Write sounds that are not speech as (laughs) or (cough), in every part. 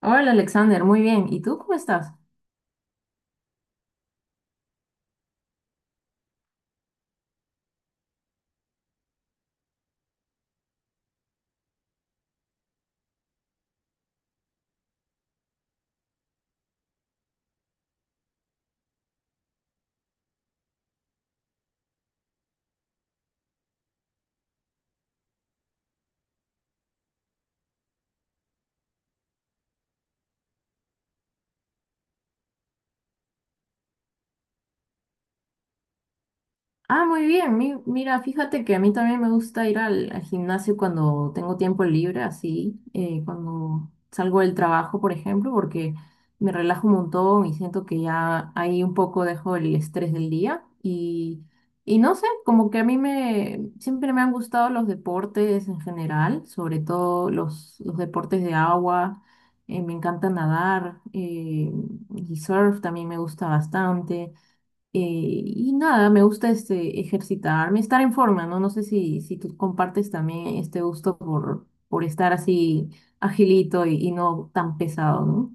Hola Alexander, muy bien. ¿Y tú cómo estás? Ah, muy bien. Mira, fíjate que a mí también me gusta ir al gimnasio cuando tengo tiempo libre, así, cuando salgo del trabajo, por ejemplo, porque me relajo un montón y siento que ya ahí un poco dejo el estrés del día. Y no sé, como que a mí siempre me han gustado los deportes en general, sobre todo los deportes de agua. Me encanta nadar, y surf también me gusta bastante. Eh, y nada, me gusta este ejercitarme, estar en forma, ¿no? No sé si tú compartes también este gusto por estar así agilito y no tan pesado, ¿no?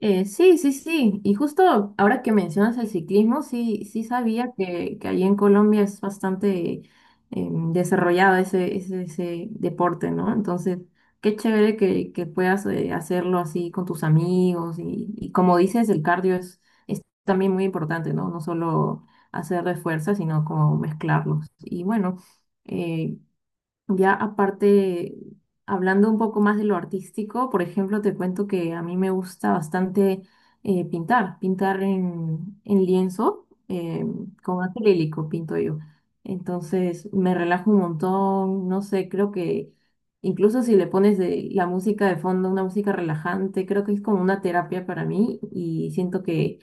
Sí, sí, sí. Y justo ahora que mencionas el ciclismo, sí, sí sabía que allí en Colombia es bastante desarrollado ese deporte, ¿no? Entonces, qué chévere que puedas, hacerlo así con tus amigos. Y como dices, el cardio es también muy importante, ¿no? No solo hacer de fuerza, sino como mezclarlos. Y bueno, eh, ya aparte, hablando un poco más de lo artístico, por ejemplo, te cuento que a mí me gusta bastante, pintar, pintar en lienzo, con acrílico pinto yo. Entonces me relajo un montón, no sé, creo que incluso si le pones la música de fondo, una música relajante, creo que es como una terapia para mí y siento que,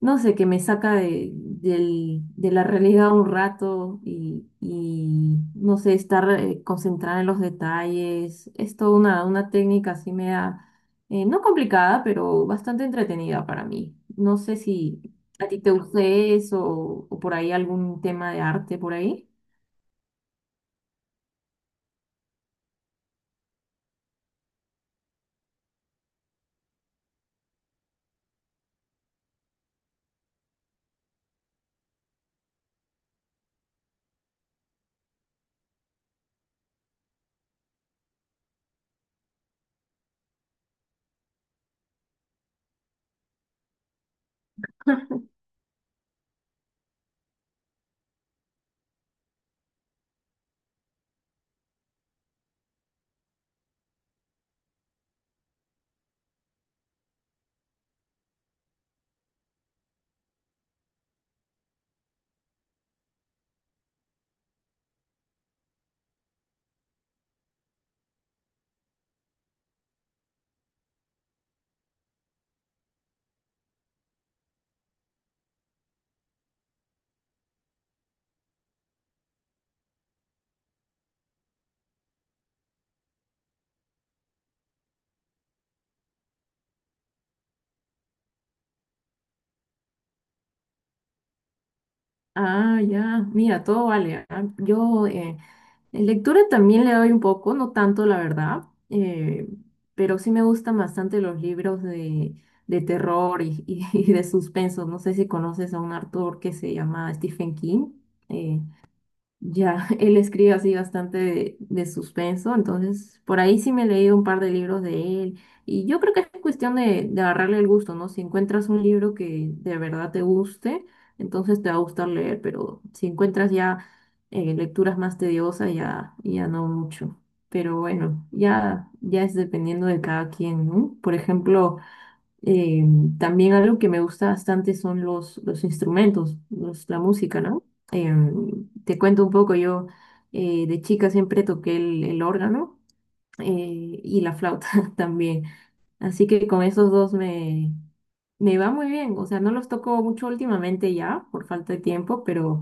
no sé, que me saca de la realidad un rato y, no sé, estar concentrada en los detalles. Es toda una técnica, así me da, no complicada, pero bastante entretenida para mí. No sé si a ti te guste eso, o por ahí algún tema de arte por ahí. Ah, ya, mira, todo vale. Ah. Yo, en lectura también le doy un poco, no tanto la verdad, eh, pero sí me gustan bastante los libros de terror (laughs) y de suspenso. No sé si conoces a un autor que se llama Stephen King. eh, ya, (laughs) él escribe así bastante de suspenso, entonces por ahí sí me he leído un par de libros de él y yo creo que es cuestión de agarrarle el gusto, ¿no? Si encuentras un libro que de verdad te guste, entonces te va a gustar leer, pero si encuentras ya, lecturas más tediosas, ya, ya no mucho. Pero bueno, ya, ya es dependiendo de cada quien, ¿no? Por ejemplo... Eh, También algo que me gusta bastante son los instrumentos, la música, ¿no? Te cuento un poco, yo, de chica siempre toqué el órgano, y la flauta (laughs) también, así que con esos dos me va muy bien, o sea, no los toco mucho últimamente ya por falta de tiempo, pero,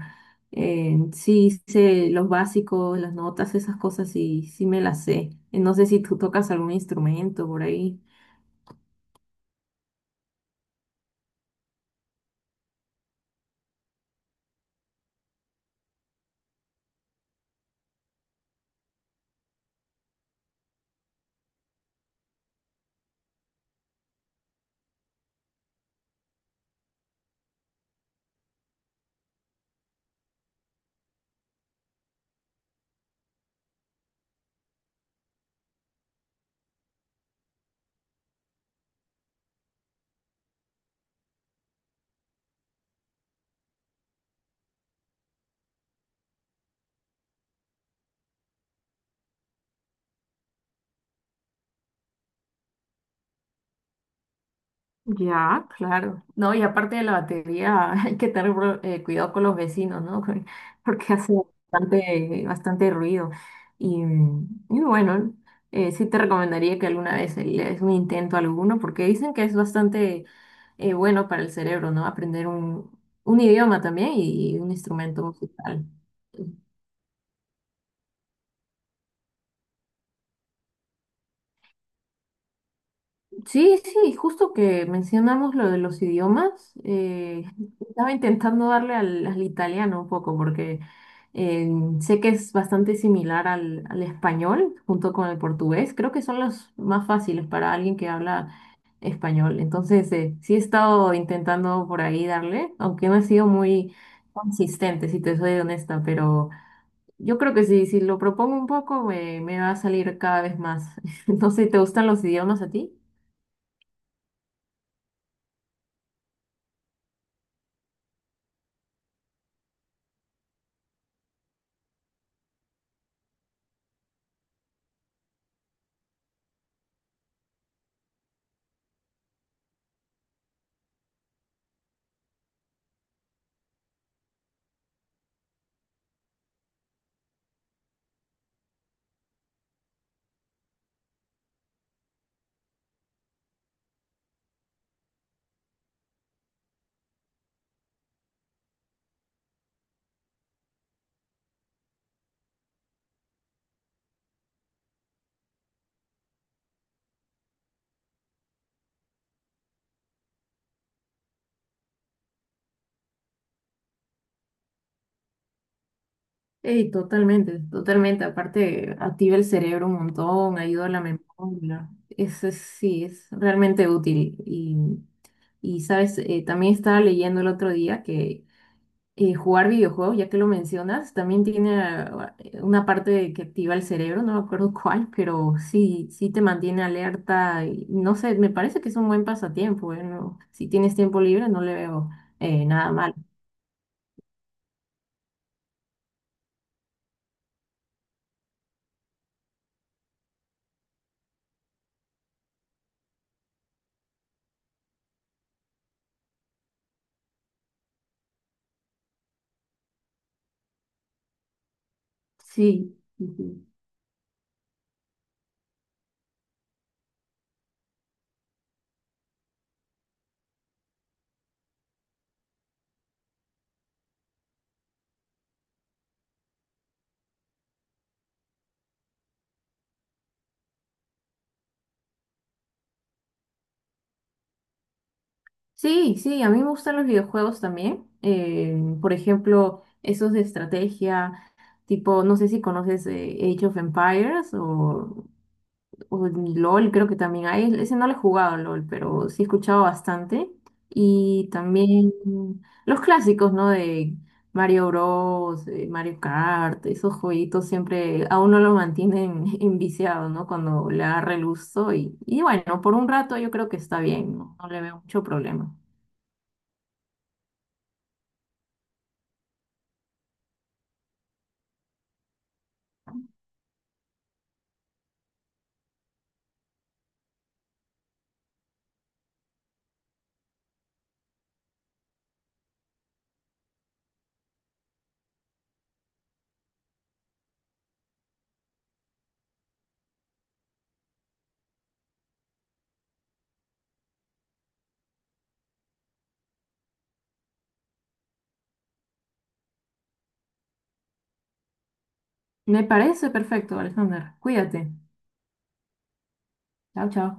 sí sé los básicos, las notas, esas cosas, sí, sí me las sé. No sé si tú tocas algún instrumento por ahí. Ya, claro. No, y aparte de la batería, (laughs) hay que tener cuidado con los vecinos, ¿no? (laughs) Porque hace bastante, bastante ruido. Y, y bueno, sí te recomendaría que alguna vez le des un intento a alguno, porque dicen que es bastante, bueno para el cerebro, ¿no? Aprender un idioma también y un instrumento musical. Sí, sí, justo que mencionamos lo de los idiomas, estaba intentando darle al italiano un poco porque, eh, sé que es bastante similar al español junto con el portugués, creo que son los más fáciles para alguien que habla español, entonces, sí he estado intentando por ahí darle, aunque no he sido muy consistente, si te soy honesta, pero yo creo que sí, si lo propongo un poco me va a salir cada vez más. (laughs) No sé, ¿te gustan los idiomas a ti? Ey, totalmente, totalmente. Aparte, activa el cerebro un montón, ayuda a la memoria. Eso sí, es realmente útil. Y sabes, también estaba leyendo el otro día que, jugar videojuegos, ya que lo mencionas, también tiene, una parte que activa el cerebro, no me acuerdo (laughs) cuál, pero sí, sí te mantiene alerta. Y no sé, me parece que es un buen pasatiempo, ¿eh? No, si tienes tiempo libre, no le veo, nada mal. Sí. Sí, sí, a mí me gustan los videojuegos también. Por ejemplo, esos de estrategia, tipo, no sé si conoces, Age of Empires o LOL, creo que también hay. Ese no lo he jugado, LOL, pero sí he escuchado bastante. Y también, los clásicos, ¿no? De Mario Bros, Mario Kart, esos jueguitos siempre a uno lo mantienen (laughs) enviciado, ¿no? Cuando le agarra el gusto. Y bueno, por un rato yo creo que está bien, no, no le veo mucho problema. Me parece perfecto, Alexander. Cuídate. Chao, chao.